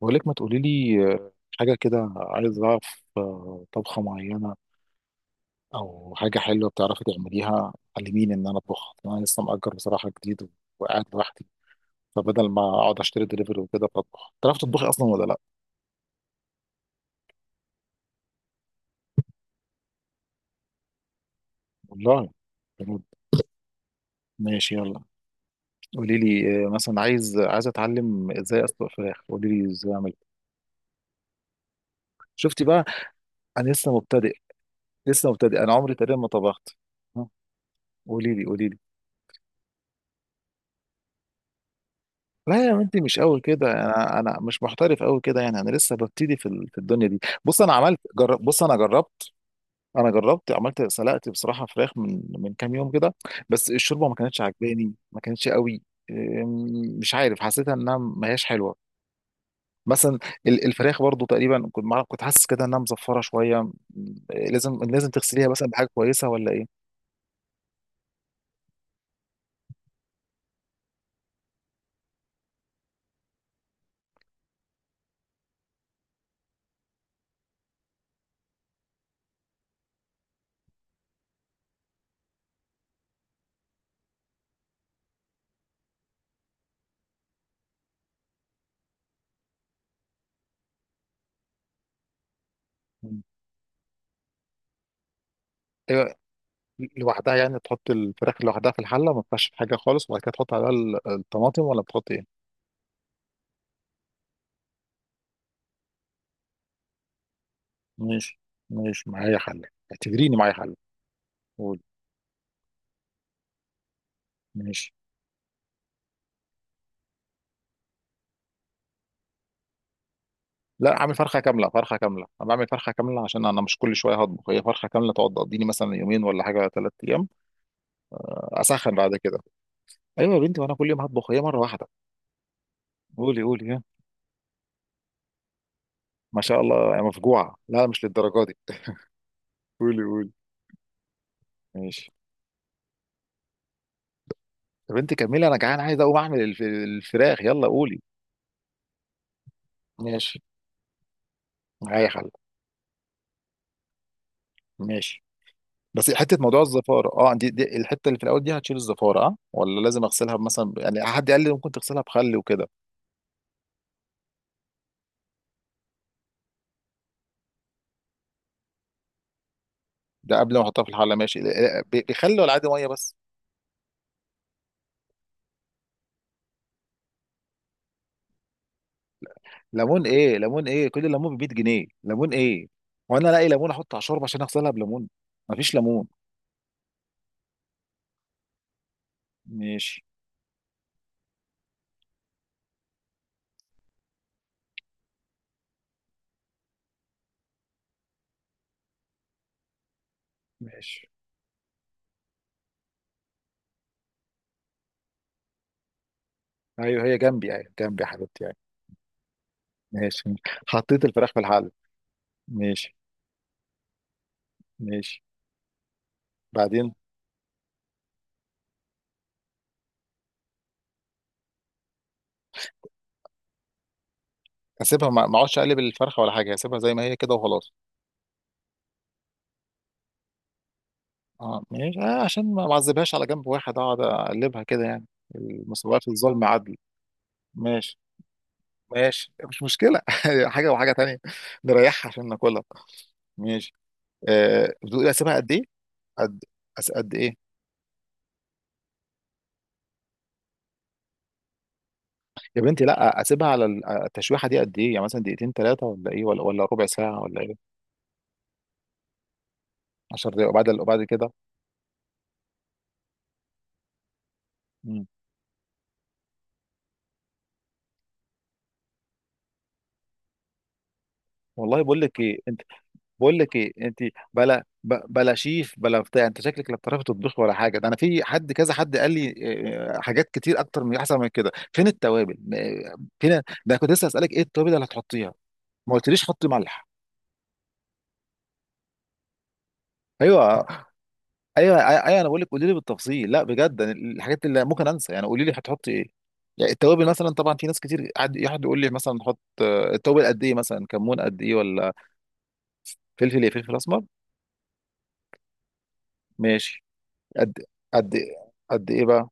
بقول لك ما تقولي لي حاجة كده، عايز أعرف طبخة معينة أو حاجة حلوة بتعرفي تعمليها. علميني إن أنا أطبخ، أنا لسه مأجر بصراحة جديد وقاعد لوحدي، فبدل ما أقعد أشتري دليفري وكده بطبخ. تعرف تطبخي أصلا ولا لأ؟ والله. بجد. ماشي يلا. قولي لي مثلا عايز، أتعلم إزاي أسلق فراخ، قولي لي إزاي أعمل. شفتي بقى، أنا لسه مبتدئ، لسه مبتدئ، أنا عمري تقريبا ما طبخت. ها، قولي لي، قولي. لا يا بنتي، مش قوي كده، انا مش محترف قوي كده يعني، انا لسه ببتدي في الدنيا دي. بص انا عملت، جرب، بص انا جربت. انا جربت، عملت، سلقت بصراحه فراخ من كام يوم كده، بس الشوربه ما كانتش عجباني، ما كانتش قوي. أم، مش عارف، حسيتها انها ما هياش حلوه مثلا. الفراخ برضو تقريبا كنت معرف، كنت حاسس كده انها مزفره شويه. لازم تغسليها مثلا بحاجه كويسه ولا ايه؟ مم. ايوه، لوحدها يعني، تحط الفراخ لوحدها في الحله، ما تنفعش في حاجه خالص، وبعد كده تحط عليها الطماطم ولا بتحط ايه؟ ماشي، ماشي معايا حل. اعتبريني معايا حل، قول. ماشي. لا، عامل فرخه كامله، فرخه كامله، انا بعمل فرخه كامله عشان انا مش كل شويه هطبخ، هي فرخه كامله تقعد تقضيني مثلا يومين ولا حاجه ثلاث ايام. اسخن بعد كده. ايوه يا بنتي، وانا كل يوم هطبخ، هي مره واحده. قولي قولي، ها. ما شاء الله يا مفجوعه، لا مش للدرجه دي. قولي قولي، ماشي. طب انت كملي، انا جعان عايز اقوم اعمل الفراخ، يلا قولي. ماشي، معايا حل. ماشي، بس حته موضوع الزفاره اه، دي الحته اللي في الاول دي هتشيل الزفاره اه، ولا لازم اغسلها مثلا؟ يعني حد قال لي ممكن تغسلها بخل وكده. ده قبل ما احطها في الحله، ماشي. بخل ولا عادي ميه بس؟ ليمون ايه؟ ليمون ايه؟ كل ليمون ب 100 جنيه، ليمون ايه؟ وانا الاقي ليمون احط على شوربه عشان اغسلها بليمون؟ مفيش ليمون. ماشي، ماشي، ايوه هي جنبي، ايوه جنبي يا حبيبتي يعني. ماشي، حطيت الفراخ في الحله. ماشي، ماشي. بعدين؟ اسيبها، ما اقعدش اقلب الفرخه ولا حاجه، اسيبها زي ما هي كده وخلاص؟ اه ماشي، آه، عشان ما معذبهاش على جنب واحد اقعد اقلبها كده يعني، المساواة في الظلم عدل. ماشي، ماشي، مش مشكلة. حاجة وحاجة تانية، نريحها عشان ناكلها. ماشي. آه بتقول إيه، اسيبها قد ايه؟ قد، قد ايه؟ يا بنتي، لا، اسيبها على التشويحة دي قد ايه؟ يعني مثلا دقيقتين، ثلاثة ولا ايه، ولا ربع ساعة ولا ايه؟ 10 دقايق، وبعد كده. مم. والله بقول لك ايه، بقول لك ايه انت، بلا بلا شيف بلا بتاع، انت شكلك لا بتعرفي تطبخ ولا حاجه. ده انا في حد، كذا حد قال لي حاجات كتير اكتر، من احسن من كده. فين التوابل فين ده، كنت لسه اسالك ايه التوابل اللي هتحطيها، ما قلتليش حطي ملح. ايوه ايوه ايوه أيوه، انا بقول لك قولي لي بالتفصيل، لا بجد، أنا الحاجات اللي ممكن انسى يعني، قولي لي هتحطي ايه. يعني التوابل مثلا، طبعا في ناس كتير قعد، يقول لي مثلا نحط التوابل قد ايه، مثلا كمون قد ايه ولا؟ فلفل ايه؟ فلفل اسمر. ماشي. قد، قد قد ايه بقى؟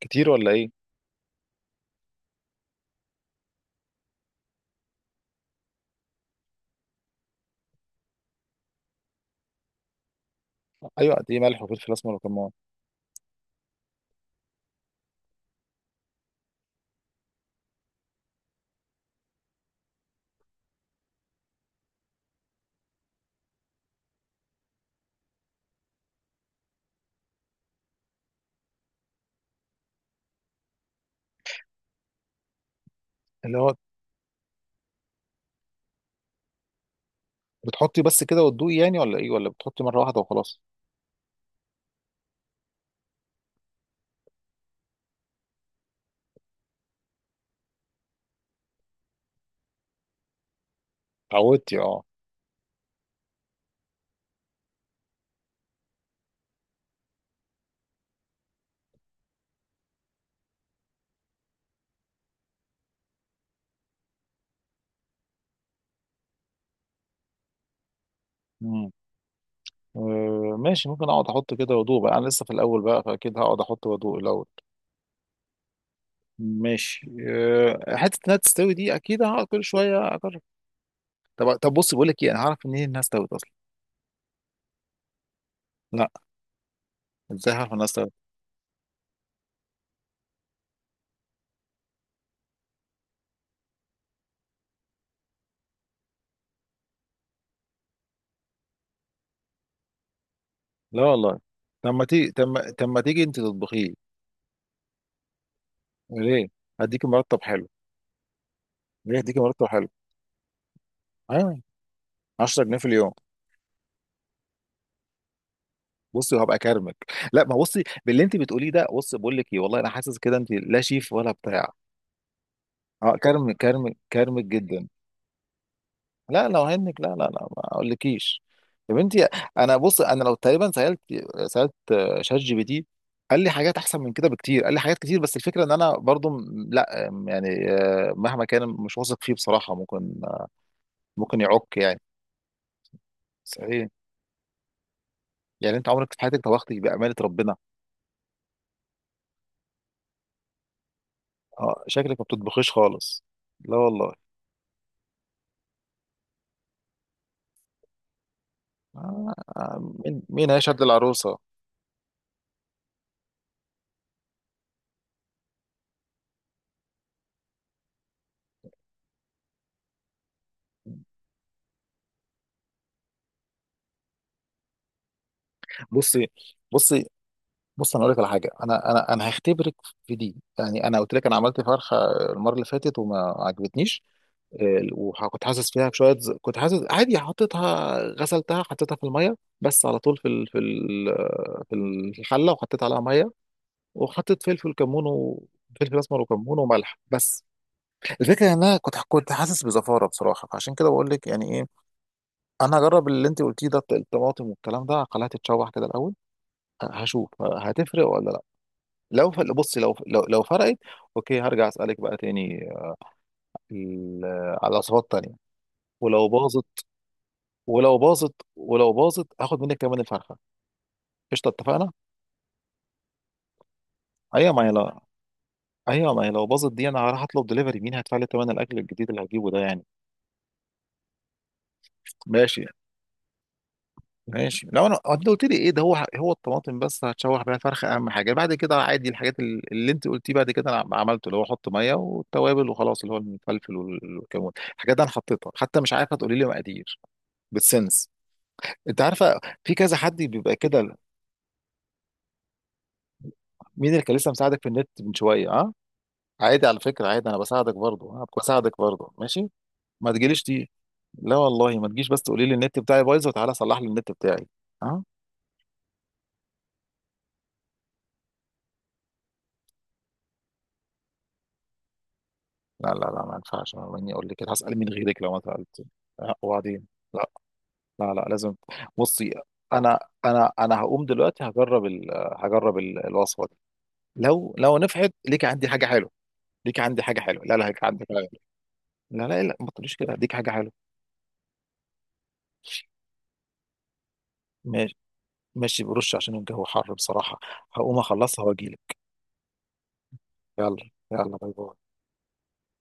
كتير ولا ايه؟ ايوه، قد ايه ملح وفلفل اسمر وكمون؟ اللي هو، بتحطي بس كده وتدوقي يعني ولا ايه، ولا بتحطي مره واحده وخلاص؟ اتعودتي اه. امم آه، ماشي. ممكن اقعد احط كده وادوق بقى، انا لسه في الاول بقى، فاكيد هقعد احط وادوق الاول. ماشي. آه، حته انها تستوي دي، اكيد هقعد كل شويه اجرب. طب، بص بقول لك ايه، انا هعرف منين انها استوت اصلا؟ لا، ازاي هعرف انها استوت؟ لا والله. طب ما تيجي، طب ما تيجي انت تطبخيه؟ ليه؟ هديكي مرتب حلو. ليه؟ هديكي مرتب حلو. ايوه، 10 جنيه في اليوم. بصي وهبقى اكرمك. لا، ما بصي باللي انت بتقوليه ده، بصي بقول لك ايه، والله انا حاسس كده انت لا شيف ولا بتاع. اه، كرم، كرم، كرمك جدا. لا لو هنك، لا لا لا ما اقولكيش. يا بنتي، انا بص، انا لو تقريبا سالت، سالت شات جي بي تي، قال لي حاجات احسن من كده بكتير، قال لي حاجات كتير، بس الفكره ان انا برضو لا، يعني مهما كان مش واثق فيه بصراحه، ممكن ممكن يعك يعني. صحيح، يعني انت عمرك في حياتك طبختي بامانه ربنا؟ اه شكلك ما بتطبخيش خالص. لا والله. آه، مين، مين هيشهد للعروسه؟ بصي، بصي، بص، انا اقول لك على حاجه، انا انا هختبرك في دي. يعني انا قلت لك انا عملت فرخه المره اللي فاتت وما عجبتنيش. آه، وكنت حاسس فيها بشويه، كنت حاسس عادي، حطيتها، غسلتها، حطيتها في الميه بس على طول، في الحله، وحطيت عليها ميه، وحطيت فلفل كمون وفلفل اسمر وكمون وملح بس. الفكره ان انا كنت حاسس بزفاره بصراحه، فعشان كده بقول لك يعني إيه. انا هجرب اللي انت قلتيه ده، الطماطم والكلام ده، خليها تتشوح كده الاول، هشوف هتفرق ولا لا. لو بصي، لو فرقت اوكي، هرجع اسالك بقى تاني ال- على وصفات تانية. ولو باظت، ولو باظت هاخد منك كمان الفرخه، قشطه، اتفقنا. ايوه ما هي، لا ايوه ما هي لو باظت دي، انا هروح اطلب دليفري، مين هيدفع لي ثمن الاكل الجديد اللي هجيبه ده يعني؟ ماشي. ماشي، لو انا آه، انت قلت لي ايه ده، هو الطماطم بس هتشوح بيها الفرخه اهم حاجه، بعد كده عادي الحاجات اللي انت قلتيه بعد كده انا عملته، اللي هو احط ميه والتوابل وخلاص، اللي هو الفلفل والكمون، الحاجات دي انا حطيتها حتى مش عارفه، تقولي لي مقادير؟ بالسنس، انت عارفه، في كذا حد بيبقى كده. مين اللي كان لسه مساعدك في النت من شويه، ها؟ عادي على فكره، عادي انا بساعدك برضه، ها، بساعدك برضه، ماشي. ما تجيليش دي، لا والله ما تجيش بس تقولي لي النت بتاعي بايظ وتعالى صلح لي النت بتاعي. آه؟ لا لا لا، ما ينفعش مني اقول لك كده، هسأل مين غيرك لو ما سألت؟ لا، وبعدين، لا لا لازم. بصي، انا انا انا هقوم دلوقتي هجرب ال... هجرب الوصفه دي، لو نفعت ليك عندي حاجه حلوه، ليك عندي حاجه حلوه. لا لا، ليك عندي حاجه حلوه. لا لا لا ما تقوليش كده، ليك حاجه حلوه. ماشي. ماشي، برش عشان الجو حر بصراحه، هقوم اخلصها واجيلك. يلا يلا، باي باي.